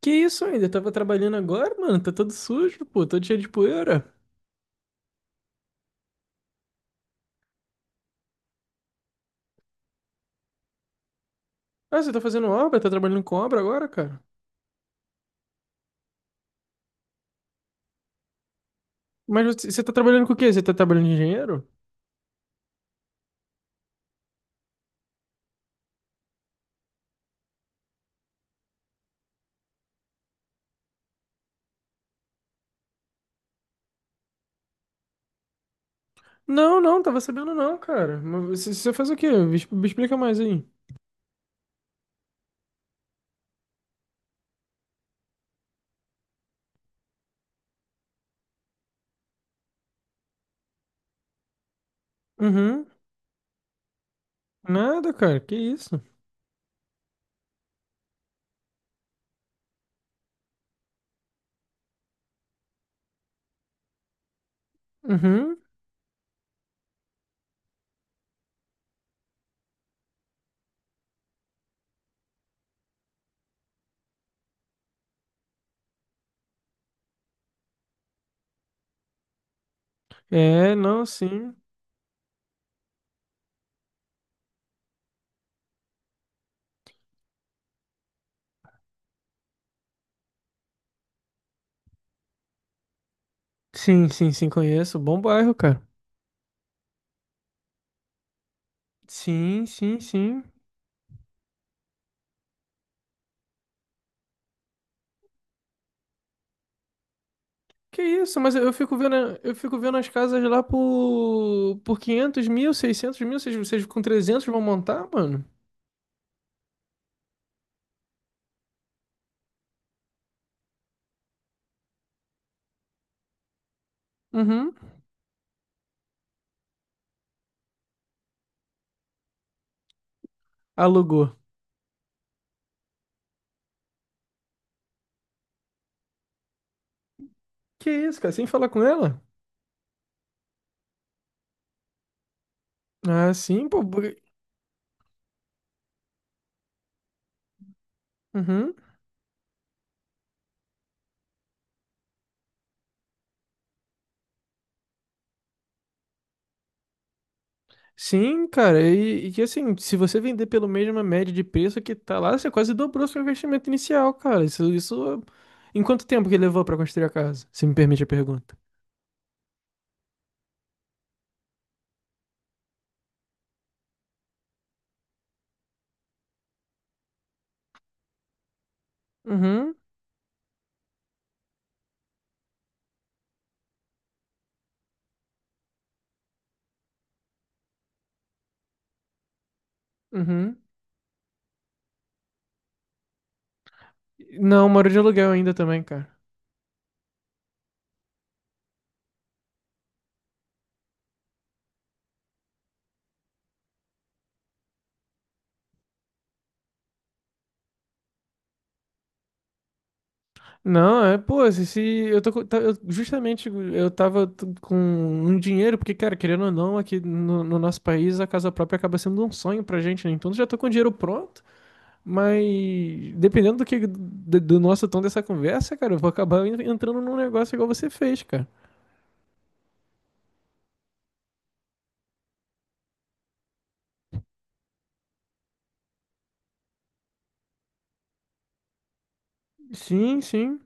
Que isso ainda? Tava trabalhando agora, mano? Tá todo sujo, pô, todo cheio de poeira. Ah, você tá fazendo obra? Tá trabalhando com obra agora, cara? Mas você tá trabalhando com o quê? Você tá trabalhando de engenheiro? Não, não, tava sabendo não, cara. Mas você faz o quê? Me explica mais aí. Uhum. Nada, cara, que isso? Uhum. É, não, sim. Sim, sim, sim, conheço. Bom bairro, cara. Sim, sim, sim. Que isso, mas eu fico vendo, eu fico vendo as casas lá por 500 mil, 600 mil, vocês com 300 mil vão montar, mano? Uhum. Alugou. Que isso, cara, sem falar com ela? Ah, sim, pô. Uhum. Sim, cara, e que assim, se você vender pelo mesma média de preço que tá lá, você quase dobrou seu investimento inicial, cara. Isso, isso. Em quanto tempo que levou pra construir a casa? Se me permite a pergunta. Uhum, uhum. Não, moro de aluguel ainda também, cara. Não, é, pô, se eu tô, com- tá- eu- justamente eu tava com um dinheiro, porque, cara, querendo ou não, aqui no nosso país a casa própria acaba sendo um sonho pra gente, né? Então eu já tô com o dinheiro pronto, mas dependendo do nosso tom dessa conversa, cara, eu vou acabar entrando num negócio igual você fez, cara. Sim, sim.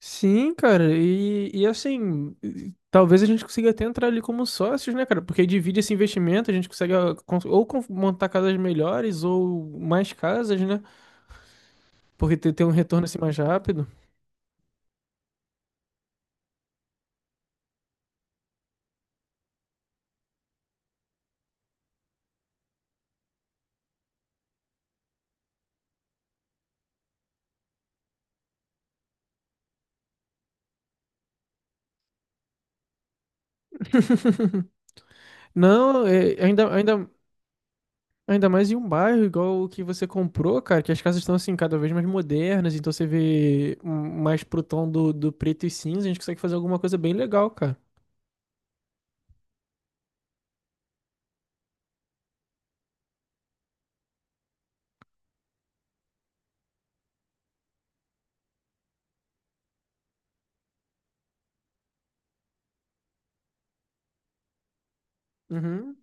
Sim, cara, talvez a gente consiga até entrar ali como sócios, né, cara? Porque aí divide esse investimento, a gente consegue montar casas melhores ou mais casas, né? Porque ter um retorno assim mais rápido. Não, é, ainda mais em um bairro igual o que você comprou, cara, que as casas estão assim cada vez mais modernas, então você vê mais pro tom do preto e cinza, a gente consegue fazer alguma coisa bem legal, cara. Uhum.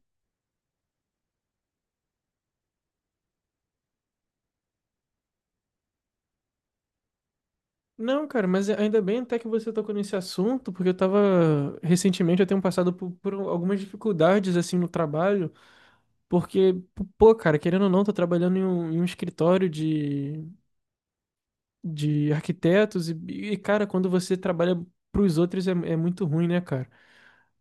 Não, cara, mas ainda bem até que você tocou nesse assunto, porque recentemente eu tenho passado por algumas dificuldades, assim, no trabalho, porque, pô, cara, querendo ou não, tô trabalhando em um escritório de arquitetos e, cara, quando você trabalha pros outros é muito ruim, né, cara?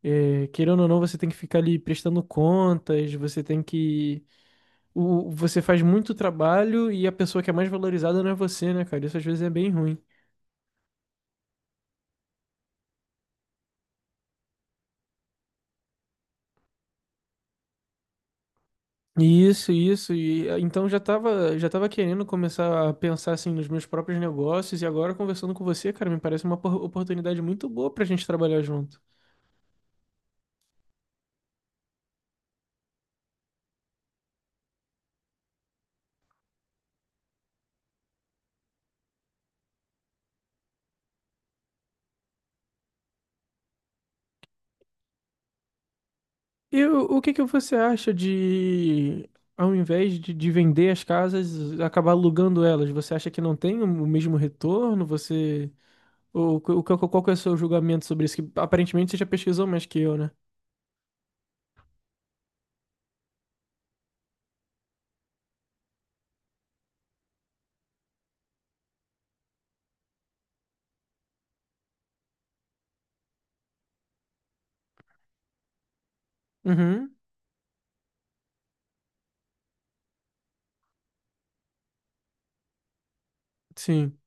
É, querendo ou não, você tem que ficar ali prestando contas, você tem que... O, você faz muito trabalho e a pessoa que é mais valorizada não é você, né, cara? Isso às vezes é bem ruim. Isso, isso. Então já tava querendo começar a pensar assim nos meus próprios negócios e agora conversando com você, cara, me parece uma oportunidade muito boa pra gente trabalhar junto. E o que que você acha de, ao invés de vender as casas, acabar alugando elas? Você acha que não tem o mesmo retorno? Você, ou, o qual, qual que é o seu julgamento sobre isso? Que aparentemente você já pesquisou mais que eu, né? Uhum, sim.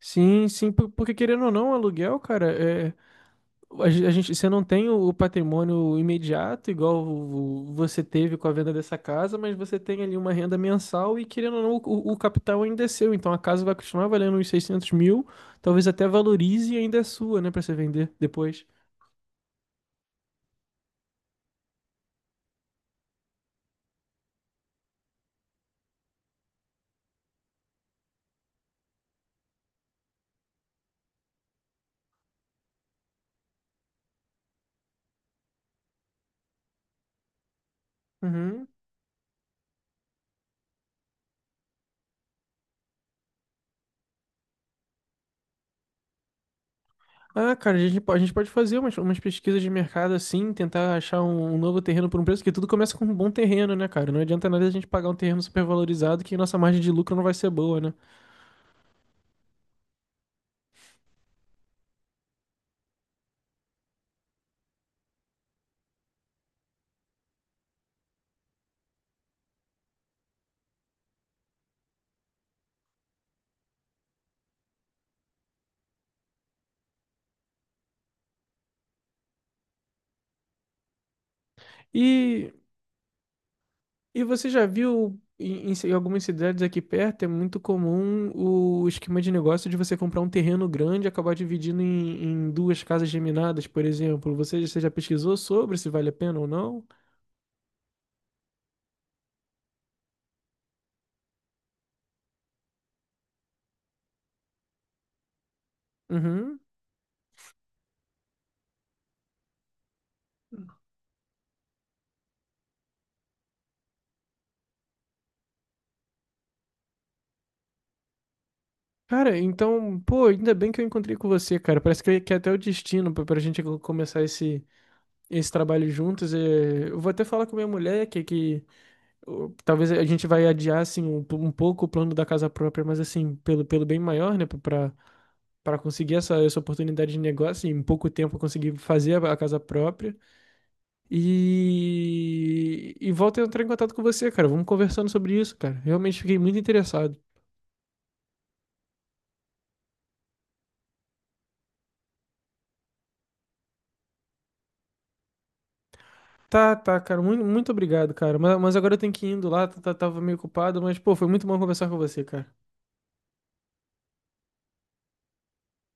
Sim, sim, porque querendo ou não, aluguel, cara, é a gente, você não tem o patrimônio imediato, igual você teve com a venda dessa casa, mas você tem ali uma renda mensal e, querendo ou não, o capital ainda é seu. Então a casa vai continuar valendo uns 600 mil, talvez até valorize e ainda é sua, né, para você vender depois. Uhum. Ah, cara, a gente pode fazer umas pesquisas de mercado assim, tentar achar um novo terreno por um preço, que tudo começa com um bom terreno, né, cara? Não adianta nada a gente pagar um terreno supervalorizado que nossa margem de lucro não vai ser boa, né? E. E você já viu em algumas cidades aqui perto, é muito comum o esquema de negócio de você comprar um terreno grande e acabar dividindo em duas casas geminadas, por exemplo. Você já pesquisou sobre se vale a pena ou não? Uhum. Cara, então, pô, ainda bem que eu encontrei com você, cara. Parece que é até o destino pra, pra gente começar esse, esse trabalho juntos. É, eu vou até falar com minha mulher que ô, talvez a gente vai adiar, assim, um pouco o plano da casa própria, mas, assim, pelo, pelo bem maior, né? Pra, para conseguir essa, essa oportunidade de negócio, e em pouco tempo eu consegui fazer a casa própria. E volto a entrar em contato com você, cara. Vamos conversando sobre isso, cara. Realmente fiquei muito interessado. Tá, tá, cara. Muito, muito obrigado, cara. Mas agora eu tenho que ir indo lá, tava meio ocupado, mas, pô, foi muito bom conversar com você, cara.